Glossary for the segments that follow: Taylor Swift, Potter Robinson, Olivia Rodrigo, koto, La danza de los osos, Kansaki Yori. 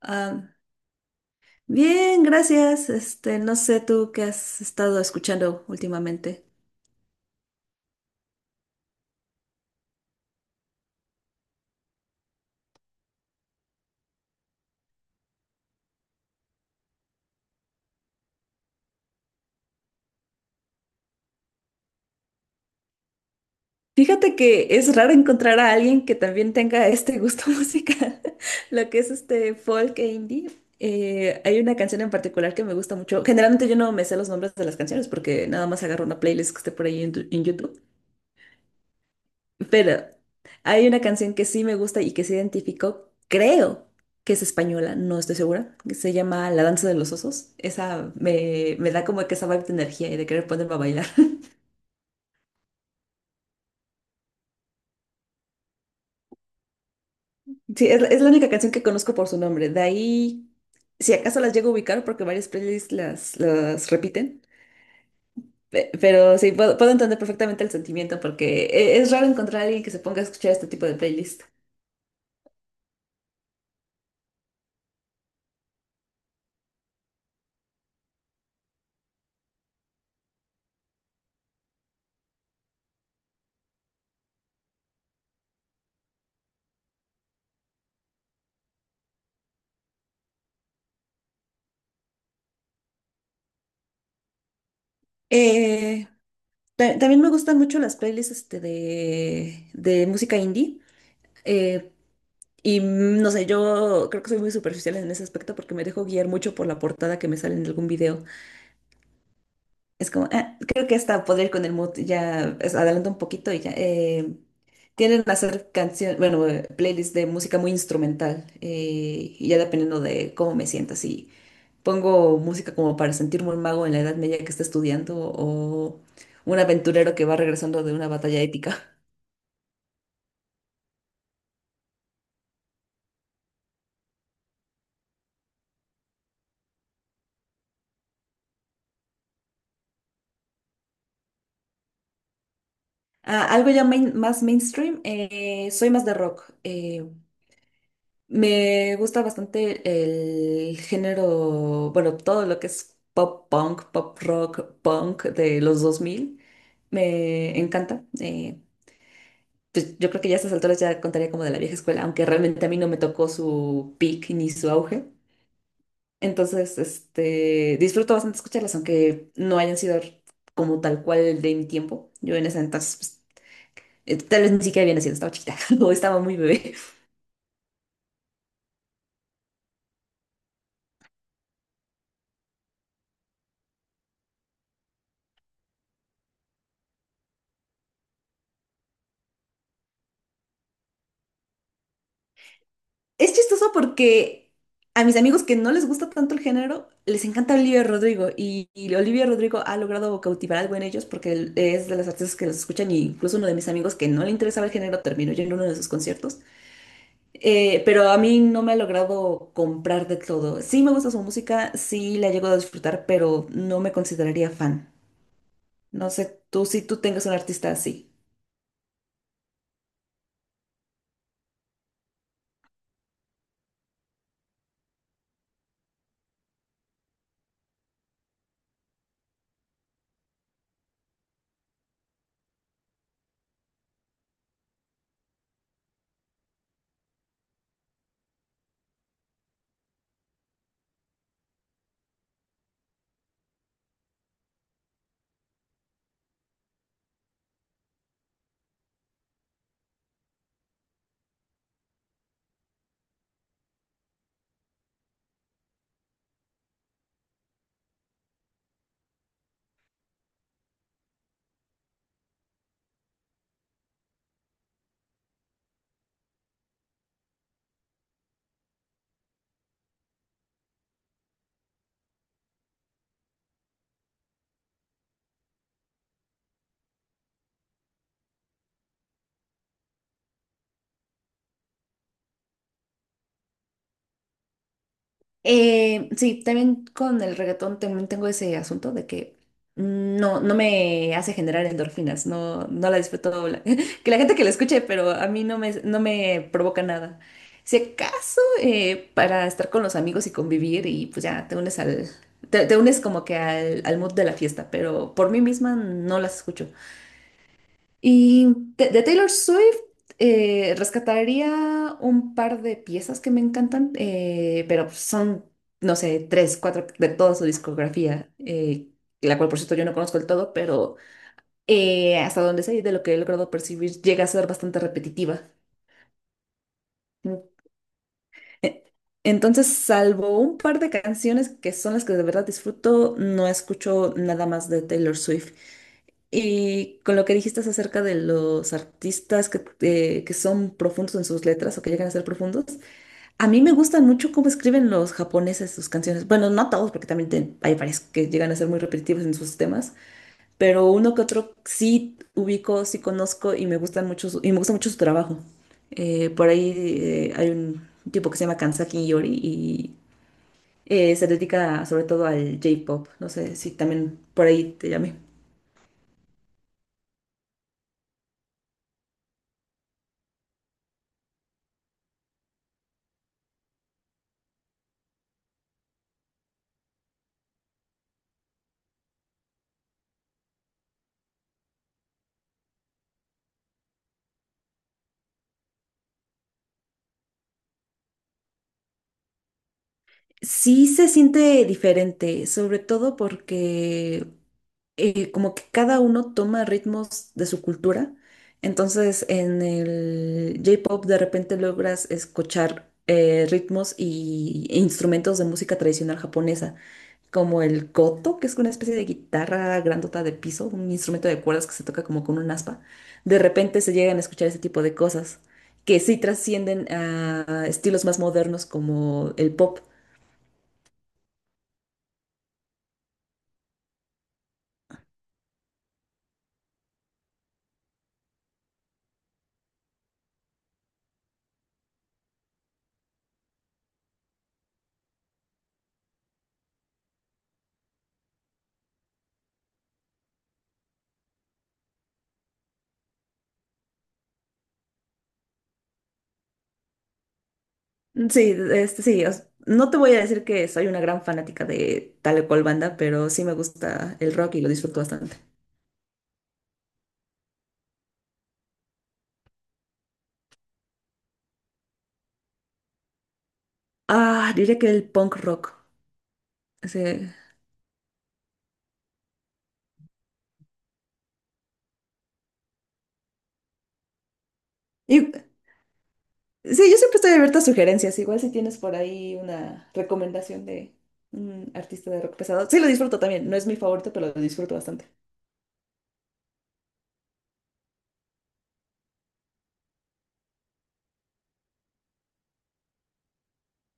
Ah, Bien, gracias. Este, no sé tú qué has estado escuchando últimamente. Fíjate que es raro encontrar a alguien que también tenga este gusto musical, lo que es este folk e indie. Hay una canción en particular que me gusta mucho. Generalmente yo no me sé los nombres de las canciones porque nada más agarro una playlist que esté por ahí en YouTube. Pero hay una canción que sí me gusta y que se identificó, creo que es española, no estoy segura, que se llama La danza de los osos. Esa me da como que esa vibe de energía y de querer ponerme a bailar. Sí, la es la única canción que conozco por su nombre. De ahí, si acaso las llego a ubicar porque varias playlists las repiten. Pero sí, puedo entender perfectamente el sentimiento porque es raro encontrar a alguien que se ponga a escuchar este tipo de playlist. Eh, También me gustan mucho las playlists de música indie. Eh, no sé, yo creo que soy muy superficial en ese aspecto porque me dejo guiar mucho por la portada que me sale en algún video. Es como, "Ah, creo que esta podría ir con el mood, ya adelanto un poquito y ya". Tienden a hacer canciones, bueno, playlists de música muy instrumental, y ya dependiendo de cómo me sienta, si pongo música como para sentirme un mago en la Edad Media que está estudiando o un aventurero que va regresando de una batalla épica. Ah, algo ya más mainstream, soy más de rock. Me gusta bastante el género, bueno, todo lo que es pop punk, pop rock, punk de los 2000. Me encanta. Pues yo creo que ya a estas alturas ya contaría como de la vieja escuela, aunque realmente a mí no me tocó su peak ni su auge. Entonces, este, disfruto bastante escucharlas, aunque no hayan sido como tal cual de mi tiempo. Yo en ese entonces, pues, tal vez ni siquiera había nacido, estaba chiquita o estaba muy bebé. Es chistoso porque a mis amigos que no les gusta tanto el género, les encanta Olivia Rodrigo y Olivia Rodrigo ha logrado cautivar algo en ellos porque él es de las artistas que los escuchan y incluso uno de mis amigos que no le interesaba el género terminó yendo a uno de sus conciertos. Pero a mí no me ha logrado comprar de todo. Sí me gusta su música, sí la llego a disfrutar, pero no me consideraría fan. No sé tú si tú tengas un artista así. Sí, también con el reggaetón también tengo ese asunto de que no, no me hace generar endorfinas, no la disfruto, la- que la gente que la escuche, pero a mí no me provoca nada. Si acaso, para estar con los amigos y convivir y pues ya te unes al, te unes como que al, al mood de la fiesta, pero por mí misma no las escucho. Y de Taylor Swift, rescataría un par de piezas que me encantan, pero son, no sé, tres, cuatro de toda su discografía, la cual por cierto yo no conozco del todo, pero hasta donde sé y de lo que he logrado percibir llega a ser bastante repetitiva. Mm. E- Entonces, salvo un par de canciones que son las que de verdad disfruto, no escucho nada más de Taylor Swift. Y con lo que dijiste acerca de los artistas que son profundos en sus letras o que llegan a ser profundos, a mí me gustan mucho cómo escriben los japoneses sus canciones. Bueno, no todos, porque también hay varios que llegan a ser muy repetitivos en sus temas, pero uno que otro sí ubico, sí conozco y me gustan mucho me gusta mucho su trabajo. Por ahí hay un tipo que se llama Kansaki Yori y, se dedica sobre todo al J-pop. No sé si también por ahí te llamé. Sí se siente diferente, sobre todo porque, como que cada uno toma ritmos de su cultura. Entonces en el J-Pop de repente logras escuchar, ritmos y e instrumentos de música tradicional japonesa, como el koto, que es una especie de guitarra grandota de piso, un instrumento de cuerdas que se toca como con un aspa. De repente se llegan a escuchar ese tipo de cosas que sí trascienden a estilos más modernos como el pop. Sí, este, sí, os- no te voy a decir que soy una gran fanática de tal o cual banda, pero sí me gusta el rock y lo disfruto bastante. Ah, diría que el punk rock. Sí. y- sí, yo siempre estoy abierta a sugerencias. Igual si tienes por ahí una recomendación de un artista de rock pesado. Sí, lo disfruto también. No es mi favorito, pero lo disfruto bastante.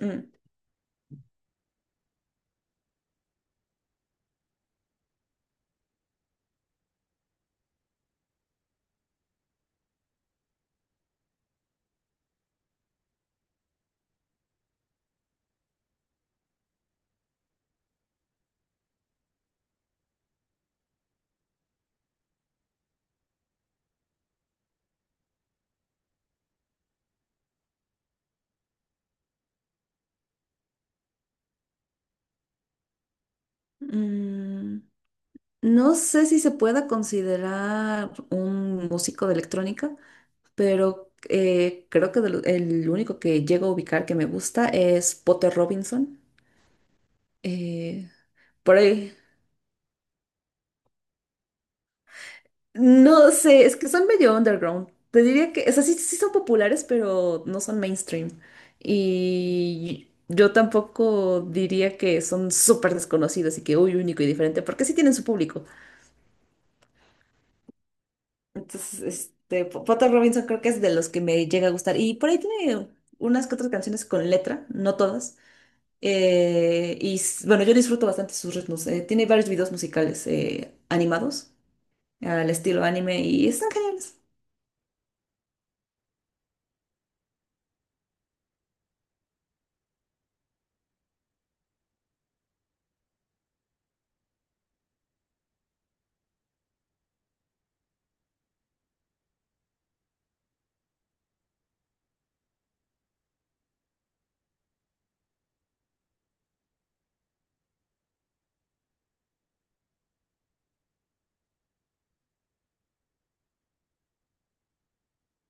Mm. Mm, no sé si se pueda considerar un músico de electrónica, pero creo que el único que llego a ubicar que me gusta es Potter Robinson. Eh, por ahí. No sé, es que son medio underground. Te diría que, o sea, sí son populares, pero no son mainstream. Y yo tampoco diría que son súper desconocidos y que, uy, único y diferente, porque sí tienen su público. Entonces, este, Potter Robinson creo que es de los que me llega a gustar. Y por ahí tiene unas que otras canciones con letra, no todas. Bueno, yo disfruto bastante sus ritmos. Tiene varios videos musicales, animados al estilo anime y están geniales.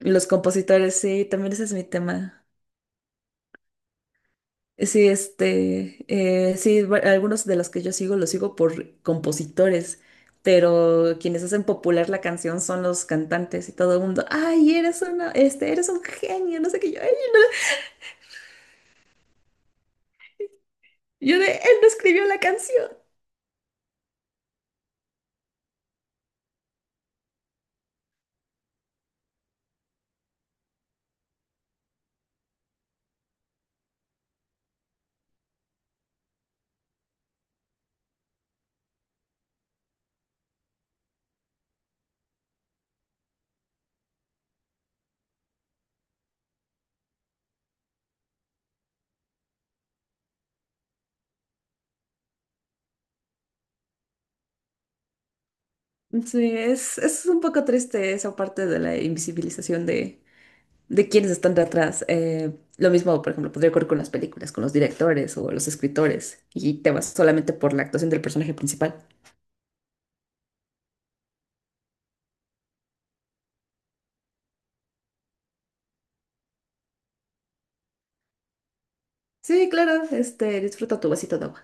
Los compositores, sí, también ese es mi tema. Sí, este, sí, algunos de los que yo sigo los sigo por compositores, pero quienes hacen popular la canción son los cantantes y todo el mundo, ay, eres una, este, eres un genio, no sé qué yo, "Ay, no". Yo de, él no escribió la canción. Sí, es un poco triste esa parte de la invisibilización de quiénes están detrás. Lo mismo, por ejemplo, podría ocurrir con las películas, con los directores o los escritores, y te vas solamente por la actuación del personaje principal. Sí, claro, este, disfruta tu vasito de agua.